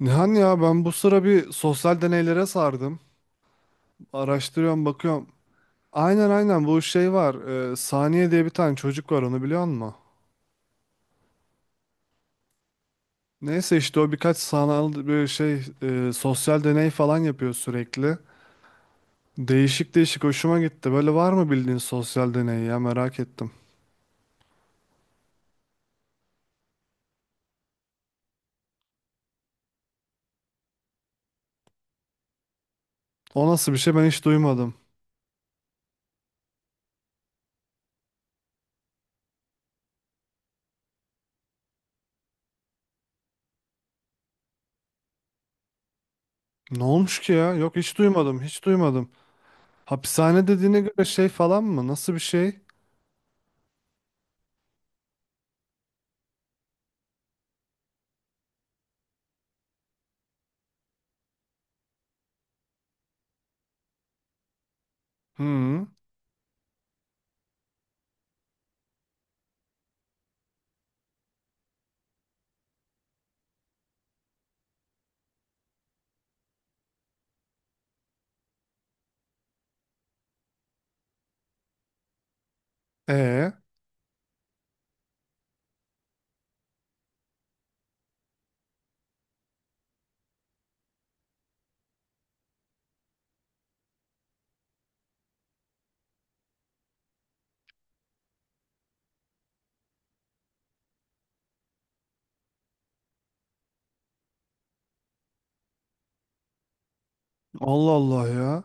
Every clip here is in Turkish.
Nihan ya ben bu sıra bir sosyal deneylere sardım. Araştırıyorum, bakıyorum. Aynen, aynen, bu şey var. Saniye diye bir tane çocuk var, onu biliyor musun? Neyse işte o birkaç sanal bir şey sosyal deney falan yapıyor sürekli. Değişik değişik hoşuma gitti. Böyle var mı bildiğin sosyal deney, ya merak ettim. O nasıl bir şey, ben hiç duymadım. Ne olmuş ki ya? Yok, hiç duymadım, hiç duymadım. Hapishane dediğine göre şey falan mı? Nasıl bir şey? Hı. E. Allah Allah ya.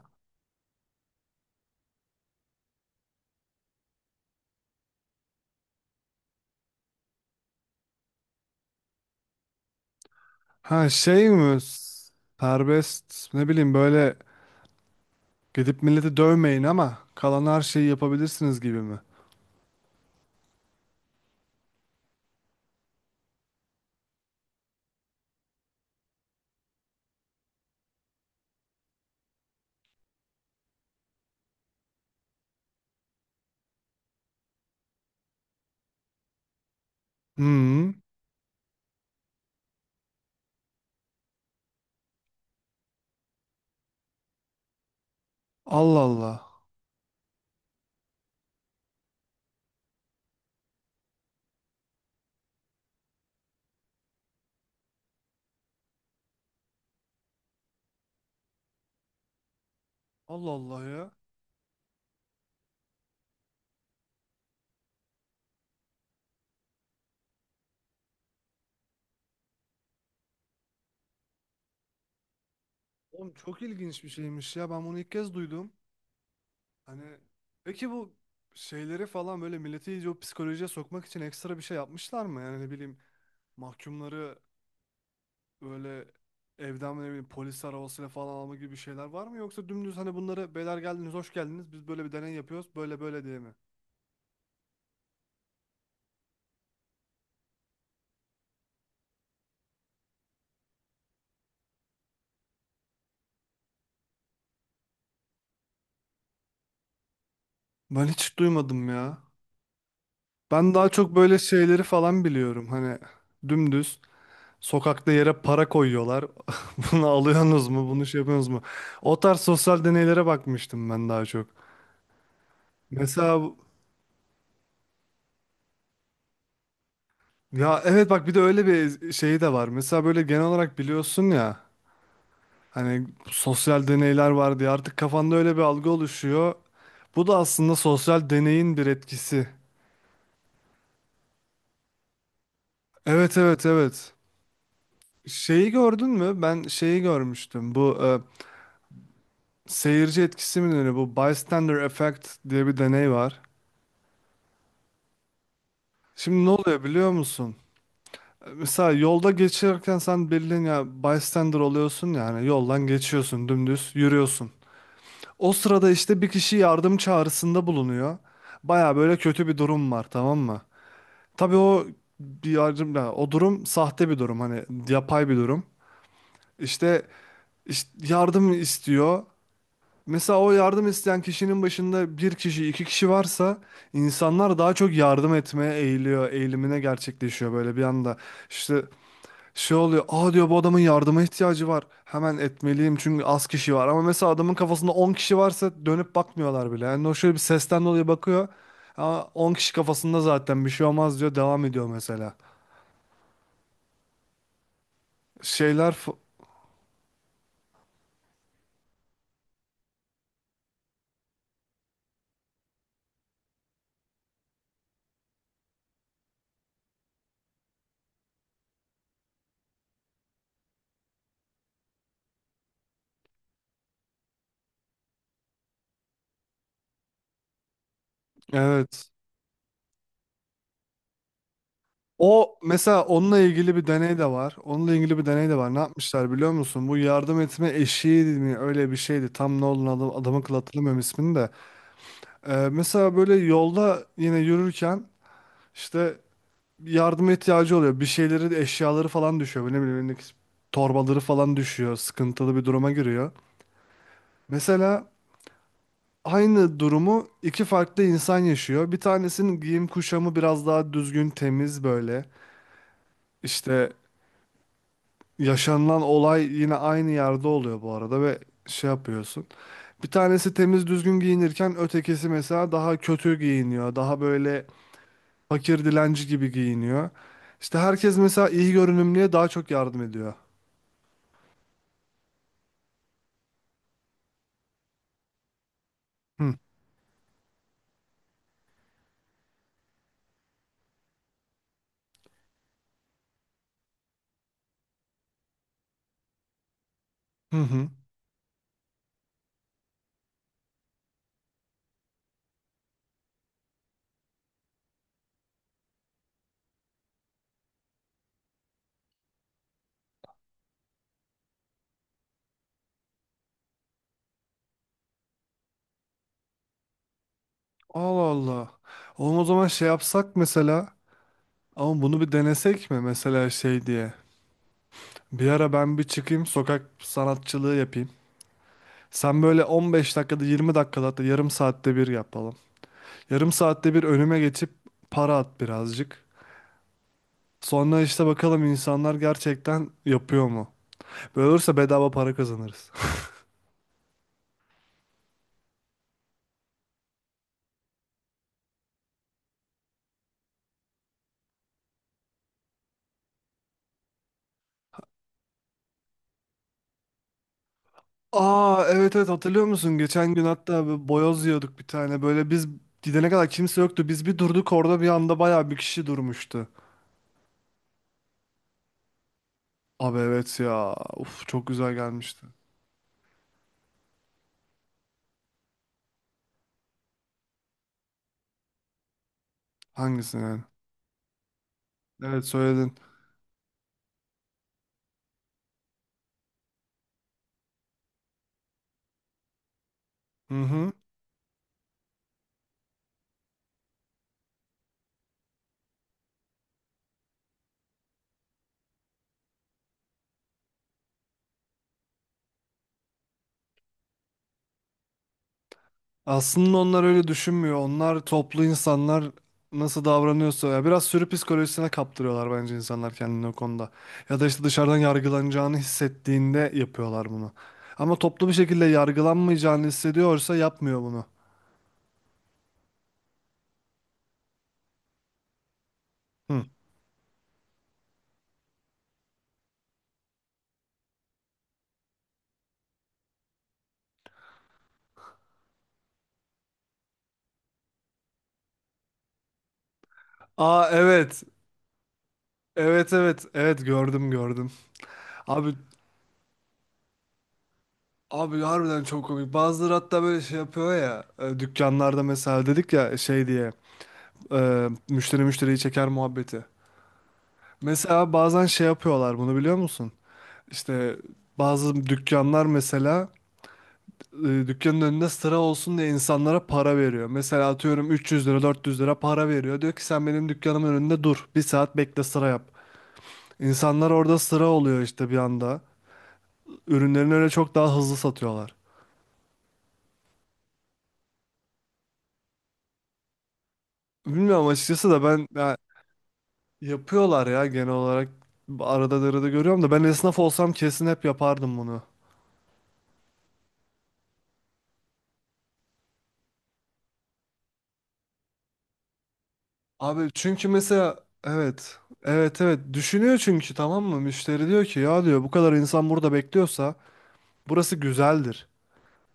Ha, şey mi? S- serbest, ne bileyim, böyle gidip milleti dövmeyin ama kalan her şeyi yapabilirsiniz gibi mi? Hmm. Allah Allah. Allah Allah ya. Oğlum çok ilginç bir şeymiş ya. Ben bunu ilk kez duydum. Hani peki bu şeyleri falan, böyle milleti iyice o psikolojiye sokmak için ekstra bir şey yapmışlar mı? Yani ne bileyim, mahkumları böyle evden ne bileyim polis arabasıyla falan alma gibi şeyler var mı? Yoksa dümdüz hani bunları beyler geldiniz, hoş geldiniz, biz böyle bir deney yapıyoruz, böyle böyle diye mi? Ben hiç duymadım ya. Ben daha çok böyle şeyleri falan biliyorum. Hani dümdüz sokakta yere para koyuyorlar. Bunu alıyorsunuz mu? Bunu şey yapıyorsunuz mu? O tarz sosyal deneylere bakmıştım ben daha çok. Mesela bu- ya evet, bak, bir de öyle bir şeyi de var. Mesela böyle genel olarak biliyorsun ya hani sosyal deneyler var diye artık kafanda öyle bir algı oluşuyor. Bu da aslında sosyal deneyin bir etkisi. Evet, evet, evet. Şeyi gördün mü? Ben şeyi görmüştüm. Bu seyirci etkisi mi deniyor? Bu bystander effect diye bir deney var. Şimdi ne oluyor biliyor musun? Mesela yolda geçerken sen bildiğin ya bystander oluyorsun, yani yoldan geçiyorsun, dümdüz yürüyorsun. O sırada işte bir kişi yardım çağrısında bulunuyor. Baya böyle kötü bir durum var, tamam mı? Tabii o bir yardım ya, o durum sahte bir durum, hani yapay bir durum. İşte, işte yardım istiyor. Mesela o yardım isteyen kişinin başında bir kişi, iki kişi varsa insanlar daha çok yardım etmeye eğiliyor, eğilimine gerçekleşiyor böyle bir anda. İşte şey oluyor, aa diyor, bu adamın yardıma ihtiyacı var. Hemen etmeliyim çünkü az kişi var. Ama mesela adamın kafasında 10 kişi varsa dönüp bakmıyorlar bile. Yani o şöyle bir sesten dolayı bakıyor. Ama 10 kişi kafasında, zaten bir şey olmaz diyor, devam ediyor mesela. Şeyler, f- evet. O mesela, onunla ilgili bir deney de var. Onunla ilgili bir deney de var. Ne yapmışlar biliyor musun? Bu yardım etme eşiği mi, öyle bir şeydi. Tam ne olduğunu adamın kıl hatırlamıyorum ismini de. Mesela böyle yolda yine yürürken işte yardıma ihtiyacı oluyor. Bir şeyleri, eşyaları falan düşüyor. Böyle ne bileyim elindeki torbaları falan düşüyor. Sıkıntılı bir duruma giriyor. Mesela aynı durumu iki farklı insan yaşıyor. Bir tanesinin giyim kuşamı biraz daha düzgün, temiz böyle. İşte yaşanılan olay yine aynı yerde oluyor bu arada ve şey yapıyorsun. Bir tanesi temiz düzgün giyinirken ötekisi mesela daha kötü giyiniyor. Daha böyle fakir, dilenci gibi giyiniyor. İşte herkes mesela iyi görünümlüye daha çok yardım ediyor. Hı hı. Hı. Allah Allah. Oğlum o zaman şey yapsak mesela, ama bunu bir denesek mi mesela, şey diye. Bir ara ben bir çıkayım, sokak sanatçılığı yapayım. Sen böyle 15 dakikada, 20 dakikada, hatta yarım saatte bir yapalım. Yarım saatte bir önüme geçip para at birazcık. Sonra işte bakalım insanlar gerçekten yapıyor mu? Böyle olursa bedava para kazanırız. Aa evet, evet, hatırlıyor musun? Geçen gün hatta bir boyoz yiyorduk bir tane. Böyle biz gidene kadar kimse yoktu. Biz bir durduk orada, bir anda bayağı bir kişi durmuştu. Abi evet ya. Uf, çok güzel gelmişti. Hangisi yani? Evet, söyledin. Hı hı. Aslında onlar öyle düşünmüyor. Onlar toplu insanlar nasıl davranıyorsa ya, biraz sürü psikolojisine kaptırıyorlar bence insanlar kendini o konuda. Ya da işte dışarıdan yargılanacağını hissettiğinde yapıyorlar bunu. Ama toplu bir şekilde yargılanmayacağını hissediyorsa yapmıyor bunu. Hı. Aa evet. Evet, evet. Evet, gördüm, gördüm. Abi, abi harbiden çok komik. Bazıları hatta böyle şey yapıyor ya. Dükkanlarda mesela dedik ya, şey diye. Müşteri müşteriyi çeker muhabbeti. Mesela bazen şey yapıyorlar bunu, biliyor musun? İşte bazı dükkanlar mesela dükkanın önünde sıra olsun diye insanlara para veriyor. Mesela atıyorum 300 lira, 400 lira para veriyor. Diyor ki sen benim dükkanımın önünde dur. Bir saat bekle, sıra yap. İnsanlar orada sıra oluyor işte bir anda. Ürünlerini öyle çok daha hızlı satıyorlar. Bilmiyorum açıkçası da ben ya, yapıyorlar ya genel olarak. Arada arada görüyorum, da ben esnaf olsam kesin hep yapardım bunu. Abi çünkü mesela, evet, evet, evet, düşünüyor çünkü, tamam mı, müşteri diyor ki ya, diyor bu kadar insan burada bekliyorsa burası güzeldir.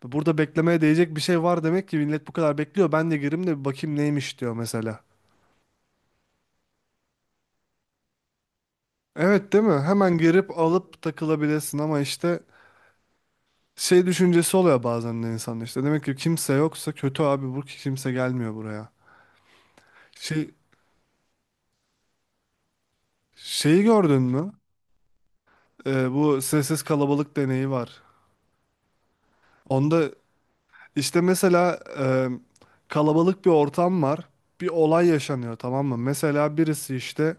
Burada beklemeye değecek bir şey var demek ki, millet bu kadar bekliyor, ben de gireyim de bir bakayım neymiş diyor mesela. Evet değil mi? Hemen girip alıp takılabilirsin ama işte şey düşüncesi oluyor bazen de insanda, işte demek ki kimse yoksa kötü abi bu ki, kimse gelmiyor buraya. Şey şeyi gördün mü? Bu sessiz kalabalık deneyi var. Onda İşte mesela kalabalık bir ortam var. Bir olay yaşanıyor, tamam mı? Mesela birisi işte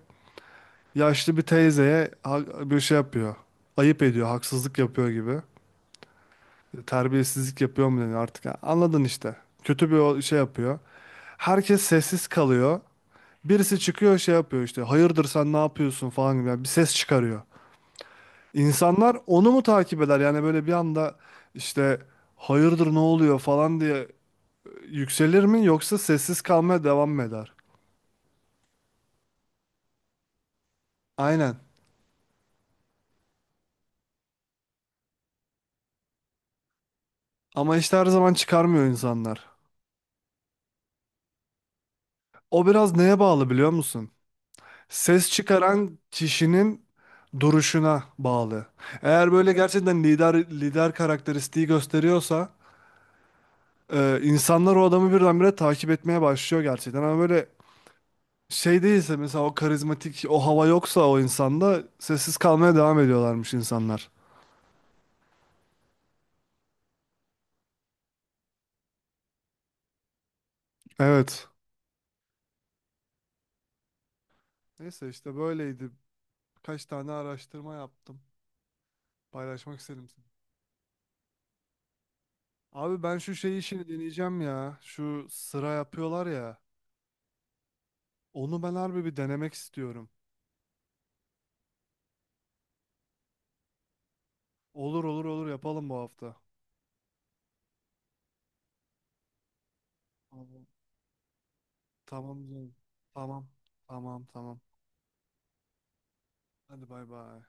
yaşlı bir teyzeye ha- bir şey yapıyor. Ayıp ediyor, haksızlık yapıyor gibi. Terbiyesizlik yapıyor mu deniyor artık. Ha, anladın işte. Kötü bir o- şey yapıyor. Herkes sessiz kalıyor. Birisi çıkıyor şey yapıyor işte, hayırdır sen ne yapıyorsun falan gibi, yani bir ses çıkarıyor. İnsanlar onu mu takip eder yani böyle bir anda işte, hayırdır ne oluyor falan diye yükselir mi, yoksa sessiz kalmaya devam mı eder? Aynen. Ama işte her zaman çıkarmıyor insanlar. O biraz neye bağlı biliyor musun? Ses çıkaran kişinin duruşuna bağlı. Eğer böyle gerçekten lider, lider karakteristiği gösteriyorsa insanlar o adamı birdenbire takip etmeye başlıyor gerçekten. Ama böyle şey değilse mesela, o karizmatik o hava yoksa o insanda, sessiz kalmaya devam ediyorlarmış insanlar. Evet. Neyse işte böyleydi. Kaç tane araştırma yaptım. Paylaşmak istedim seni. Abi ben şu şey işini deneyeceğim ya. Şu sıra yapıyorlar ya. Onu ben harbi bir denemek istiyorum. Olur, olur, olur, yapalım bu hafta. Tamam. Tamam canım. Tamam. Tamam, tamam. Hadi bay bay.